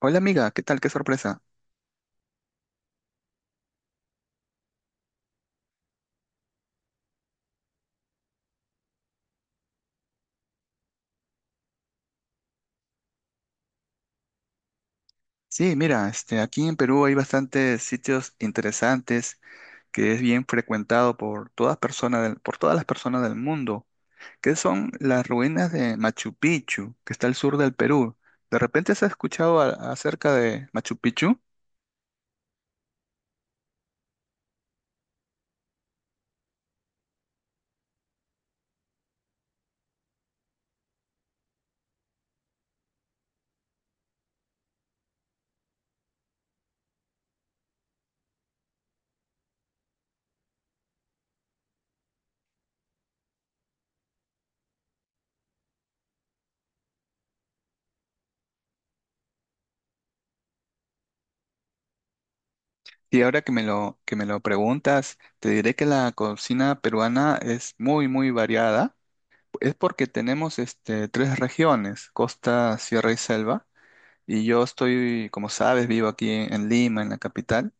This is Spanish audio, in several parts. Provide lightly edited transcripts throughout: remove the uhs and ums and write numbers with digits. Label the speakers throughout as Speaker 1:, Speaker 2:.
Speaker 1: Hola amiga, ¿qué tal? Qué sorpresa. Sí, mira, aquí en Perú hay bastantes sitios interesantes que es bien frecuentado por todas las personas del mundo, que son las ruinas de Machu Picchu, que está al sur del Perú. ¿De repente has escuchado acerca de Machu Picchu? Y ahora que me lo preguntas, te diré que la cocina peruana es muy, muy variada. Es porque tenemos tres regiones, costa, sierra y selva. Y yo estoy, como sabes, vivo aquí en Lima, en la capital.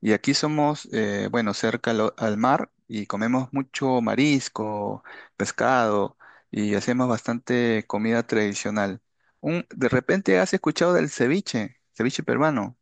Speaker 1: Y aquí somos, bueno, cerca al mar y comemos mucho marisco, pescado y hacemos bastante comida tradicional. ¿De repente has escuchado del ceviche peruano?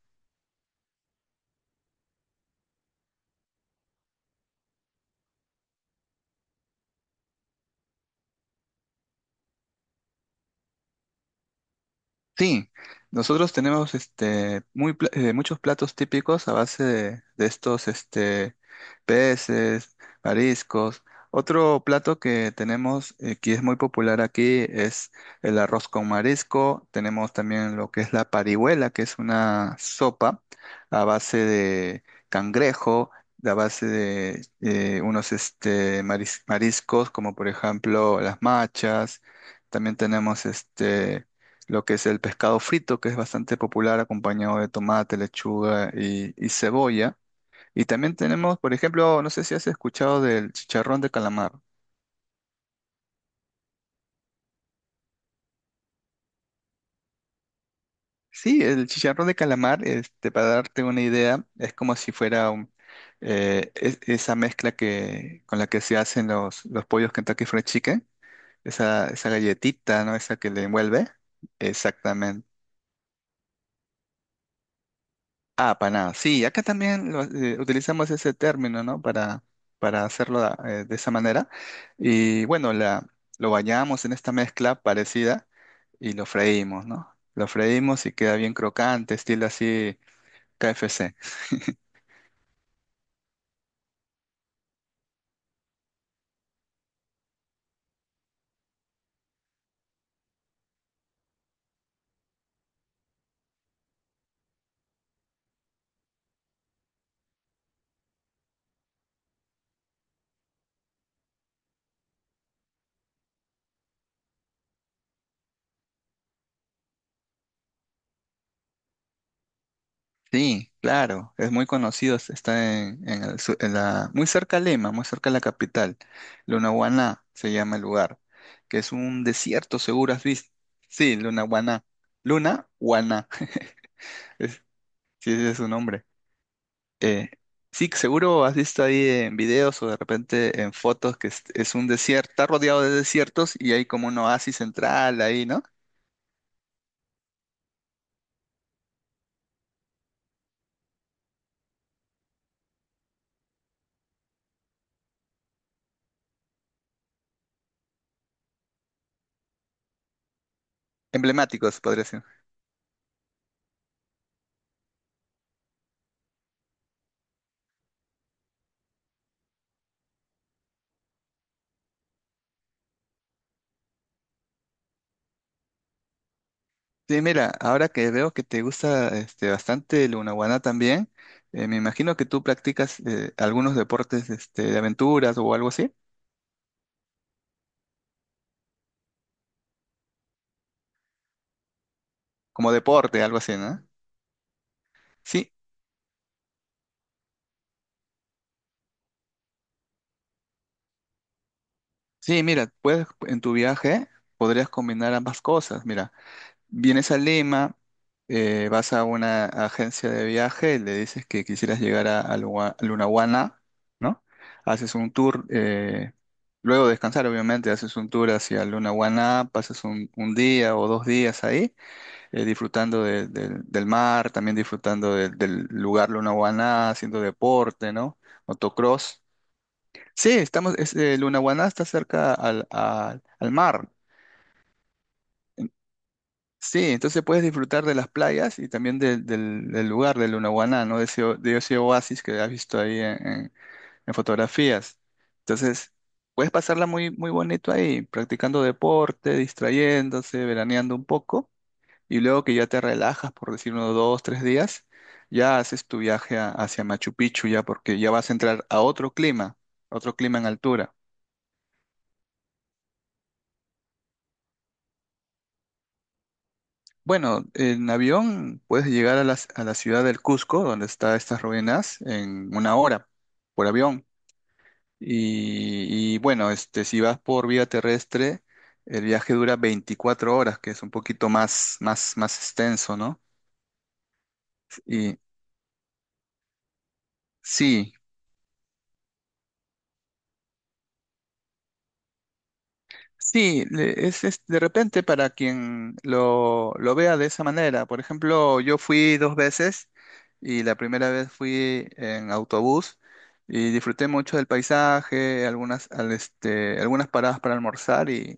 Speaker 1: Sí, nosotros tenemos muchos platos típicos a base de estos peces, mariscos. Otro plato que tenemos que es muy popular aquí es el arroz con marisco. Tenemos también lo que es la parihuela, que es una sopa a base de cangrejo, a base de unos mariscos como por ejemplo las machas. También tenemos lo que es el pescado frito, que es bastante popular acompañado de tomate, lechuga y cebolla. Y también tenemos, por ejemplo, no sé si has escuchado del chicharrón de calamar. Sí, el chicharrón de calamar, para darte una idea, es como si fuera esa mezcla con la que se hacen los pollos Kentucky Fried Chicken, esa galletita, ¿no? Esa que le envuelve. Exactamente. Ah, paná. Sí, acá también utilizamos ese término, ¿no? Para hacerlo de esa manera. Y bueno, lo bañamos en esta mezcla parecida y lo freímos, ¿no? Lo freímos y queda bien crocante, estilo así KFC. Sí, claro, es muy conocido, está en el su- en la, muy cerca a Lima, muy cerca a la capital. Lunahuaná se llama el lugar, que es un desierto, seguro has visto. Sí, Lunahuaná. Luna, Guaná. Sí, ese es su nombre. Eh, sí, seguro has visto ahí en videos o de repente en fotos que es un desierto, está rodeado de desiertos y hay como un oasis central ahí, ¿no? Emblemáticos, podría ser. Sí, mira, ahora que veo que te gusta bastante el Lunahuaná también, me imagino que tú practicas algunos deportes de aventuras o algo así, como deporte, algo así, ¿no? Sí, sí, mira, puedes en tu viaje podrías combinar ambas cosas, mira. Vienes a Lima, vas a una agencia de viaje, le dices que quisieras llegar a Lunahuana, ¿no? Haces un tour, luego de descansar, obviamente, haces un tour hacia Lunahuana, pasas un día o dos días ahí, disfrutando del mar, también disfrutando del lugar Lunahuana, haciendo deporte, ¿no? Motocross. Sí, Lunahuaná está cerca al mar. Sí, entonces puedes disfrutar de las playas y también del lugar, de Lunahuaná, ¿no? De ese oasis que has visto ahí en fotografías. Entonces, puedes pasarla muy, muy bonito ahí, practicando deporte, distrayéndose, veraneando un poco, y luego que ya te relajas, por decir unos dos, tres días, ya haces tu viaje hacia Machu Picchu, ya porque ya vas a entrar a otro clima en altura. Bueno, en avión puedes llegar a la ciudad del Cusco, donde están estas ruinas, en una hora por avión. Y bueno, si vas por vía terrestre, el viaje dura 24 horas, que es un poquito más, más, más extenso, ¿no? Y sí, sí, es de repente para quien lo vea de esa manera. Por ejemplo, yo fui dos veces y la primera vez fui en autobús y disfruté mucho del paisaje, algunas paradas para almorzar y,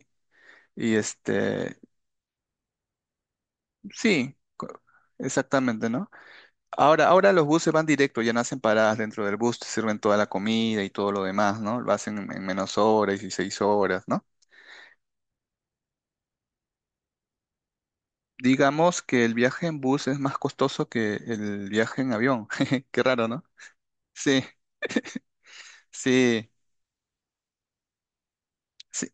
Speaker 1: y sí, exactamente, ¿no? Ahora los buses van directo, ya no hacen paradas dentro del bus, te sirven toda la comida y todo lo demás, ¿no? Lo hacen en menos horas, 16 horas, ¿no? Digamos que el viaje en bus es más costoso que el viaje en avión. Qué raro, ¿no? Sí, sí, sí,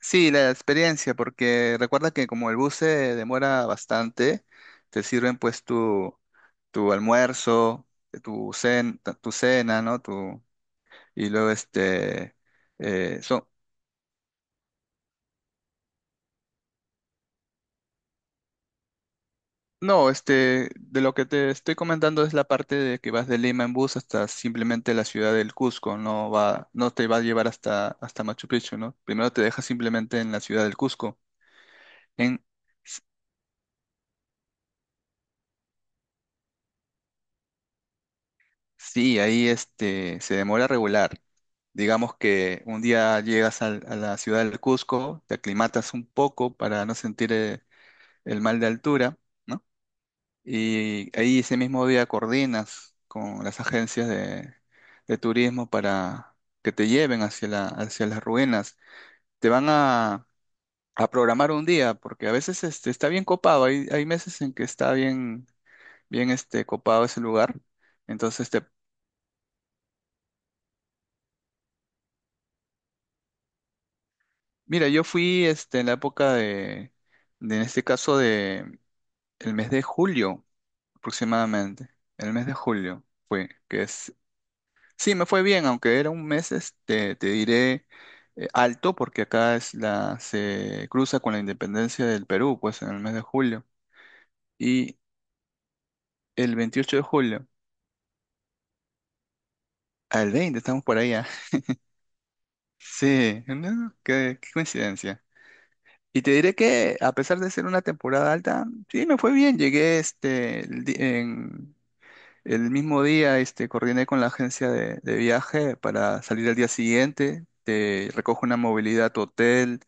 Speaker 1: sí, la experiencia, porque recuerda que como el bus se demora bastante, te sirven pues tu almuerzo, tu cena, ¿no? Tu, y luego este, son, No, de lo que te estoy comentando es la parte de que vas de Lima en bus hasta simplemente la ciudad del Cusco, no te va a llevar hasta Machu Picchu, ¿no? Primero te deja simplemente en la ciudad del Cusco. En, s- sí, ahí se demora regular. Digamos que un día llegas a la ciudad del Cusco, te aclimatas un poco para no sentir el mal de altura, ¿no? Y ahí ese mismo día coordinas con las agencias de turismo para que te lleven hacia las ruinas. Te van a programar un día, porque a veces está bien copado. Hay meses en que está bien, bien copado ese lugar. Entonces, mira, yo fui en la época de, en este caso, de el mes de julio aproximadamente. El mes de julio fue, que es sí, me fue bien, aunque era un mes, te diré alto, porque acá es se cruza con la independencia del Perú, pues en el mes de julio. Y el 28 de julio, al 20, estamos por allá. Sí, ¿no? Qué coincidencia. Y te diré que a pesar de ser una temporada alta, sí, me fue bien. Llegué El mismo día, coordiné con la agencia de viaje para salir al día siguiente. Te recojo una movilidad a tu hotel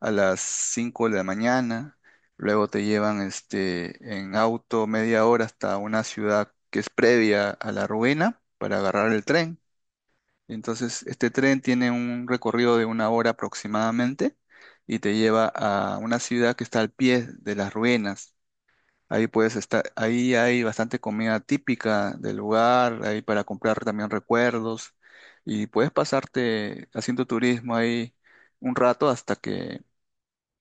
Speaker 1: a las 5 de la mañana. Luego te llevan, en auto media hora hasta una ciudad que es previa a la ruina para agarrar el tren. Entonces, este tren tiene un recorrido de una hora aproximadamente y te lleva a una ciudad que está al pie de las ruinas. Ahí puedes estar, ahí hay bastante comida típica del lugar, ahí para comprar también recuerdos y puedes pasarte haciendo turismo ahí un rato hasta que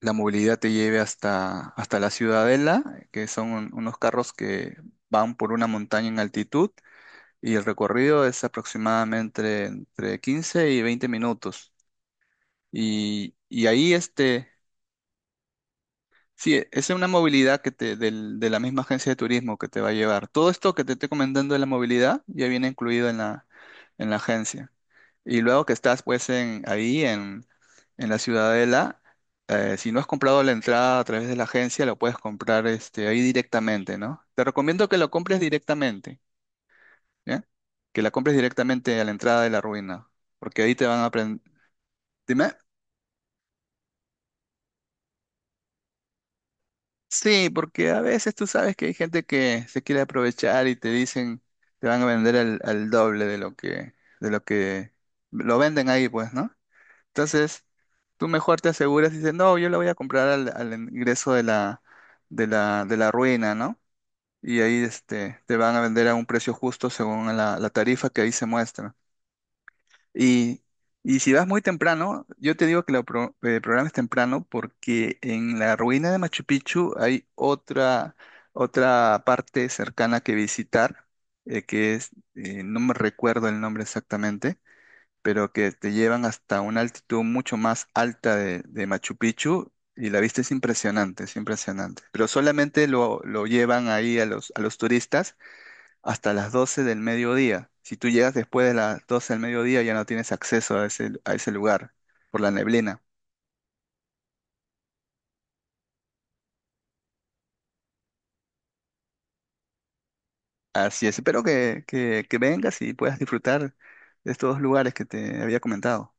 Speaker 1: la movilidad te lleve hasta la Ciudadela, que son unos carros que van por una montaña en altitud y el recorrido es aproximadamente entre 15 y 20 minutos. Y ahí. Sí, esa es una movilidad que de la misma agencia de turismo que te va a llevar. Todo esto que te estoy comentando de la movilidad ya viene incluido en la agencia. Y luego que estás pues en la Ciudadela, si no has comprado la entrada a través de la agencia, lo puedes comprar ahí directamente, ¿no? Te recomiendo que lo compres directamente, ¿ya? Que la compres directamente a la entrada de la ruina, porque ahí te van a aprender. Sí, porque a veces tú sabes que hay gente que se quiere aprovechar y te dicen, te van a vender al doble de lo que lo venden ahí, pues, ¿no? Entonces, tú mejor te aseguras y dices, no, yo le voy a comprar al ingreso de la ruina, ¿no? Y ahí te van a vender a un precio justo según la tarifa que ahí se muestra. Y, y si vas muy temprano, yo te digo que lo programes temprano porque en la ruina de Machu Picchu hay otra parte cercana que visitar, no me recuerdo el nombre exactamente, pero que te llevan hasta una altitud mucho más alta de Machu Picchu y la vista es impresionante, es impresionante. Pero solamente lo llevan ahí a los turistas hasta las 12 del mediodía. Si tú llegas después de las 12 del mediodía, ya no tienes acceso a ese lugar por la neblina. Así es, espero que vengas y puedas disfrutar de estos dos lugares que te había comentado.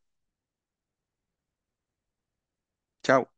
Speaker 1: Chao.